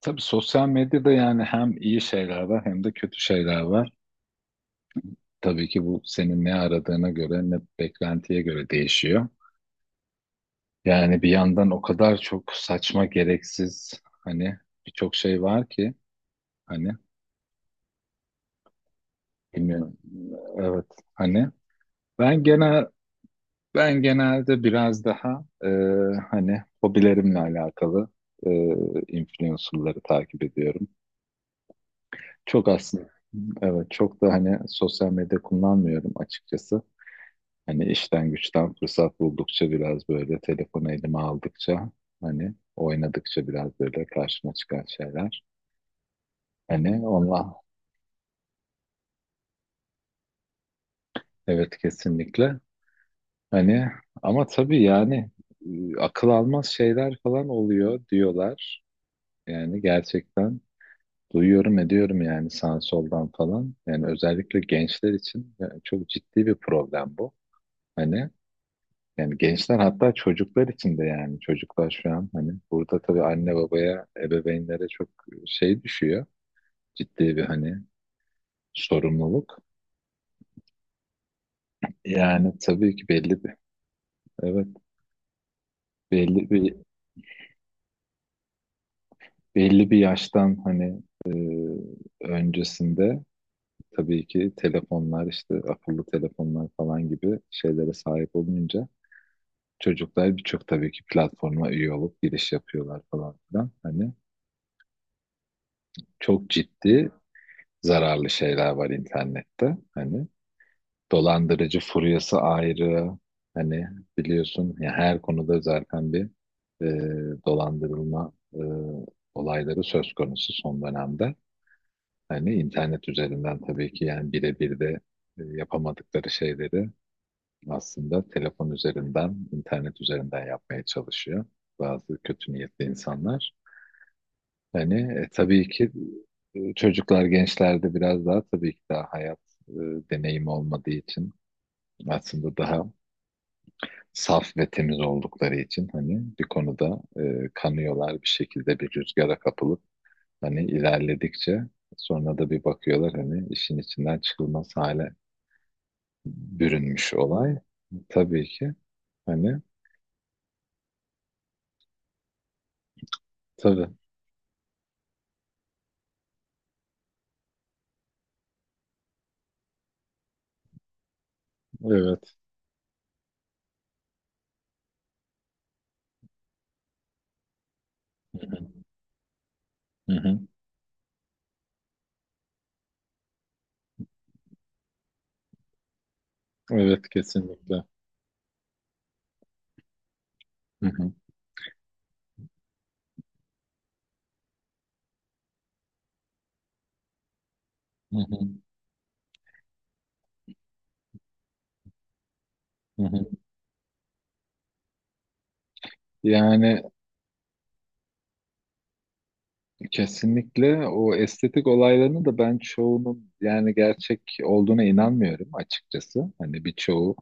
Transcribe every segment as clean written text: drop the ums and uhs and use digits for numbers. Tabii sosyal medyada yani hem iyi şeyler var hem de kötü şeyler var. Tabii ki bu senin ne aradığına göre ne beklentiye göre değişiyor. Yani bir yandan o kadar çok saçma gereksiz hani birçok şey var ki hani bilmiyorum. Evet hani ben genel ben genelde biraz daha hani hobilerimle alakalı e, influencerları takip ediyorum. Çok aslında evet çok da hani sosyal medya kullanmıyorum açıkçası. Hani işten güçten fırsat buldukça biraz böyle telefonu elime aldıkça hani oynadıkça biraz böyle karşıma çıkan şeyler. Hani onunla evet kesinlikle. Hani ama tabii yani akıl almaz şeyler falan oluyor diyorlar. Yani gerçekten duyuyorum ediyorum yani sağ soldan falan. Yani özellikle gençler için yani çok ciddi bir problem bu. Hani yani gençler hatta çocuklar için de yani çocuklar şu an hani burada tabii anne babaya, ebeveynlere çok şey düşüyor. Ciddi bir hani sorumluluk. Yani tabii ki belli bir evet belli bir belli bir yaştan hani e, öncesinde tabii ki telefonlar işte akıllı telefonlar falan gibi şeylere sahip olunca çocuklar birçok tabii ki platforma üye olup giriş yapıyorlar falan filan. Hani çok ciddi zararlı şeyler var internette. Hani dolandırıcı furyası ayrı. Hani biliyorsun ya her konuda zaten bir e, dolandırılma olayları söz konusu son dönemde. Hani internet üzerinden tabii ki yani birebir de yapamadıkları şeyleri aslında telefon üzerinden, internet üzerinden yapmaya çalışıyor bazı kötü niyetli insanlar. Hani tabii ki çocuklar, gençlerde biraz daha tabii ki daha hayat e, deneyimi olmadığı için aslında daha saf ve temiz oldukları için hani bir konuda kanıyorlar bir şekilde bir rüzgara kapılıp hani ilerledikçe sonra da bir bakıyorlar hani işin içinden çıkılmaz hale bürünmüş olay. Tabii ki hani tabii evet. Hı hı. Hı hı. Evet kesinlikle. Hı hı. Hı hı. Hı hı. Yani kesinlikle o estetik olaylarını da ben çoğunun yani gerçek olduğuna inanmıyorum açıkçası. Hani birçoğu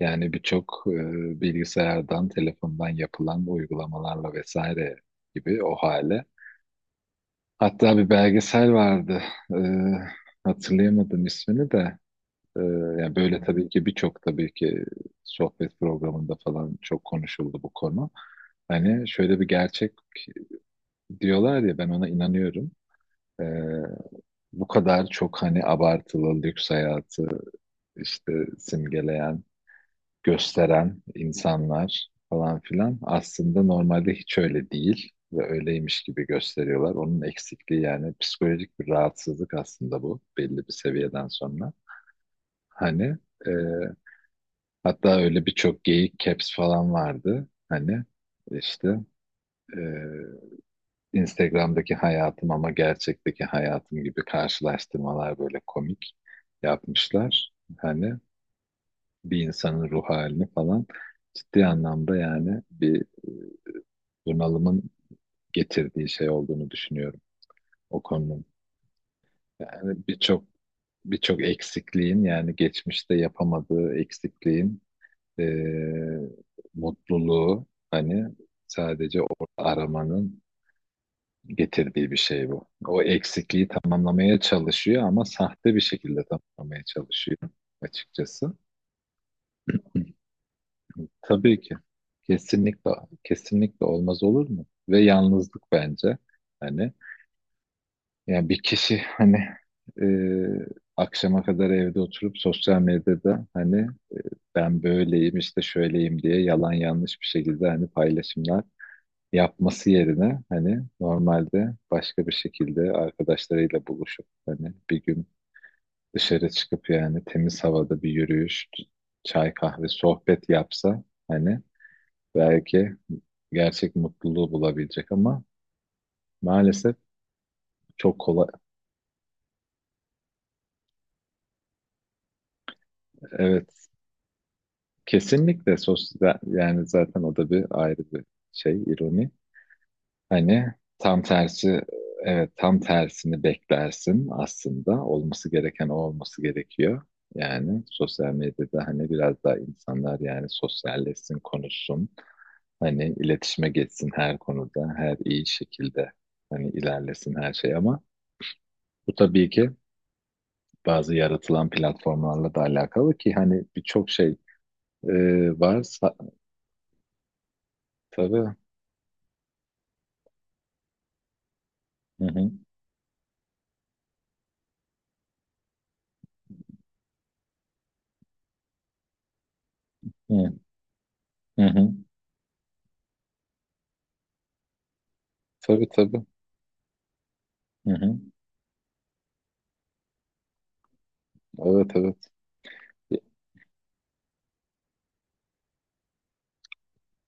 yani birçok bilgisayardan, telefondan yapılan uygulamalarla vesaire gibi o hale. Hatta bir belgesel vardı. E, hatırlayamadım ismini de. E, yani böyle tabii ki birçok tabii ki sohbet programında falan çok konuşuldu bu konu. Hani şöyle bir gerçek diyorlar ya ben ona inanıyorum. E, bu kadar çok hani abartılı lüks hayatı işte simgeleyen, gösteren insanlar falan filan aslında normalde hiç öyle değil ve öyleymiş gibi gösteriyorlar. Onun eksikliği yani psikolojik bir rahatsızlık aslında bu belli bir seviyeden sonra. Hani e, hatta öyle birçok geyik caps falan vardı. Hani işte Instagram'daki hayatım ama gerçekteki hayatım gibi karşılaştırmalar böyle komik yapmışlar. Hani bir insanın ruh halini falan ciddi anlamda yani bir bunalımın getirdiği şey olduğunu düşünüyorum o konunun. Yani birçok eksikliğin yani geçmişte yapamadığı eksikliğin eee, mutluluğu hani sadece o aramanın getirdiği bir şey bu. O eksikliği tamamlamaya çalışıyor ama sahte bir şekilde tamamlamaya çalışıyor açıkçası. Hı. Tabii ki. Kesinlikle kesinlikle olmaz olur mu? Ve yalnızlık bence. Hani yani bir kişi hani e, akşama kadar evde oturup sosyal medyada hani ben böyleyim işte şöyleyim diye yalan yanlış bir şekilde hani paylaşımlar yapması yerine hani normalde başka bir şekilde arkadaşlarıyla buluşup hani bir gün dışarı çıkıp yani temiz havada bir yürüyüş, çay kahve, sohbet yapsa hani belki gerçek mutluluğu bulabilecek ama maalesef çok kolay. Evet, kesinlikle sosyal yani zaten o da bir ayrı bir şey, ironi. Hani tam tersi evet tam tersini beklersin aslında olması gereken o olması gerekiyor. Yani sosyal medyada hani biraz daha insanlar yani sosyalleşsin, konuşsun. Hani iletişime geçsin her konuda, her iyi şekilde hani ilerlesin her şey ama bu tabii ki bazı yaratılan platformlarla da alakalı ki hani birçok şey e, var. Tabii. Hı hı. Hı hı. Hı. Tabii tabii. Hı hı. Evet evet.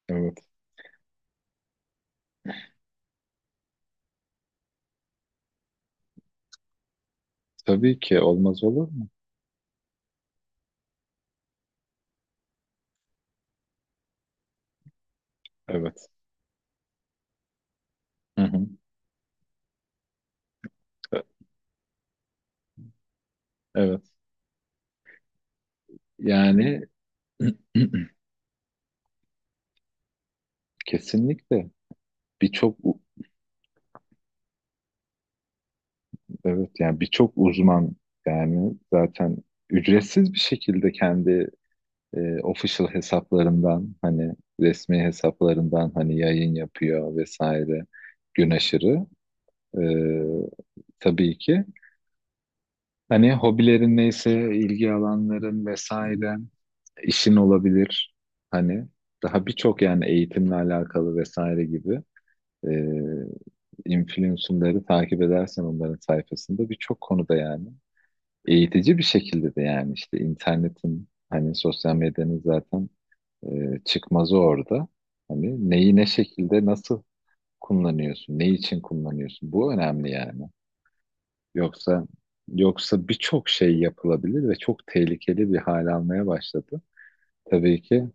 Evet. Tabii ki olmaz olur mu? Evet. Hı hı. E- evet. Yani kesinlikle birçok u- evet yani birçok uzman yani zaten ücretsiz bir şekilde kendi official hesaplarından hani resmi hesaplarından hani yayın yapıyor vesaire gün aşırı. E, tabii ki hani hobilerin neyse ilgi alanların vesaire işin olabilir hani daha birçok yani eğitimle alakalı vesaire gibi e, influencerları takip edersen onların sayfasında birçok konuda yani eğitici bir şekilde de yani işte internetin hani sosyal medyanın zaten e, çıkmazı orada. Hani neyi ne şekilde nasıl kullanıyorsun, ne için kullanıyorsun? Bu önemli yani. Yoksa birçok şey yapılabilir ve çok tehlikeli bir hal almaya başladı. Tabii ki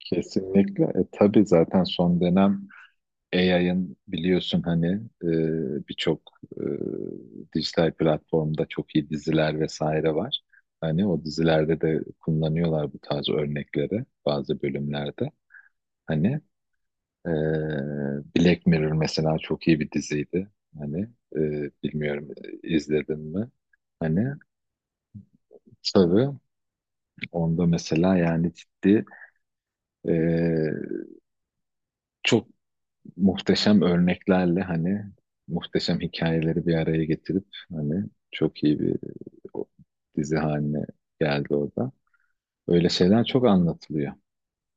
kesinlikle. E, tabii zaten son dönem AI'ın biliyorsun hani e, birçok e, dijital platformda çok iyi diziler vesaire var. Hani o dizilerde de kullanıyorlar bu tarz örnekleri bazı bölümlerde. Hani Ee, Black Mirror mesela çok iyi bir diziydi. Hani e, bilmiyorum izledin mi? Hani tabii onda mesela yani ciddi e, çok muhteşem örneklerle hani muhteşem hikayeleri bir araya getirip hani çok iyi bir o, dizi haline geldi orada. Öyle şeyler çok anlatılıyor.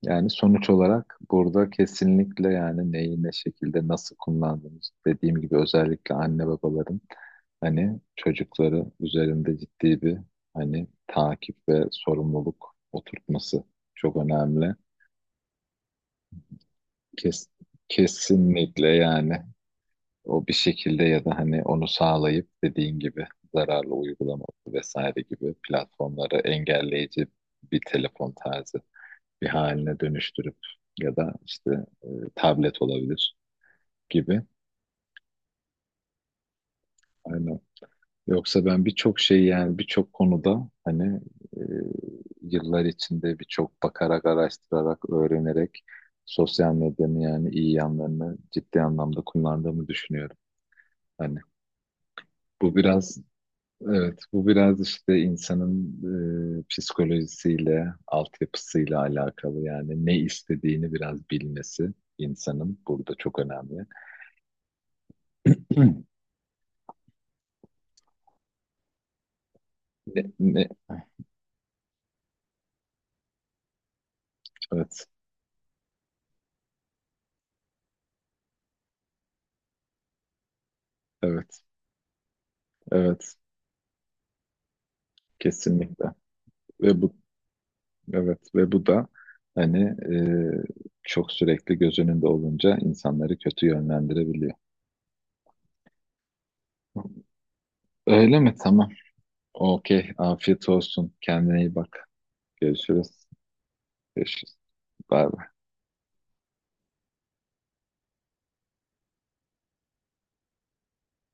Yani sonuç olarak burada kesinlikle yani neyi ne şekilde nasıl kullandığımız dediğim gibi özellikle anne babaların hani çocukları üzerinde ciddi bir hani takip ve sorumluluk oturtması çok önemli. Kes- kesinlikle yani o bir şekilde ya da hani onu sağlayıp dediğin gibi zararlı uygulama vesaire gibi platformları engelleyici bir telefon tarzı bir haline dönüştürüp ya da işte e, tablet olabilir gibi. Aynen. Yoksa ben birçok şey yani birçok konuda hani e, yıllar içinde birçok bakarak, araştırarak, öğrenerek sosyal medyanın yani iyi yanlarını ciddi anlamda kullandığımı düşünüyorum. Hani bu biraz evet bu biraz işte insanın psikolojisiyle, altyapısıyla alakalı yani ne istediğini biraz bilmesi insanın burada çok önemli. Ne, ne? Evet, evet, evet, kesinlikle. Ve bu, evet, ve bu da hani çok sürekli göz önünde olunca insanları kötü yönlendirebiliyor. Öyle mi? Tamam. Okey. Afiyet olsun. Kendine iyi bak. Görüşürüz. Görüşürüz. Bay bay.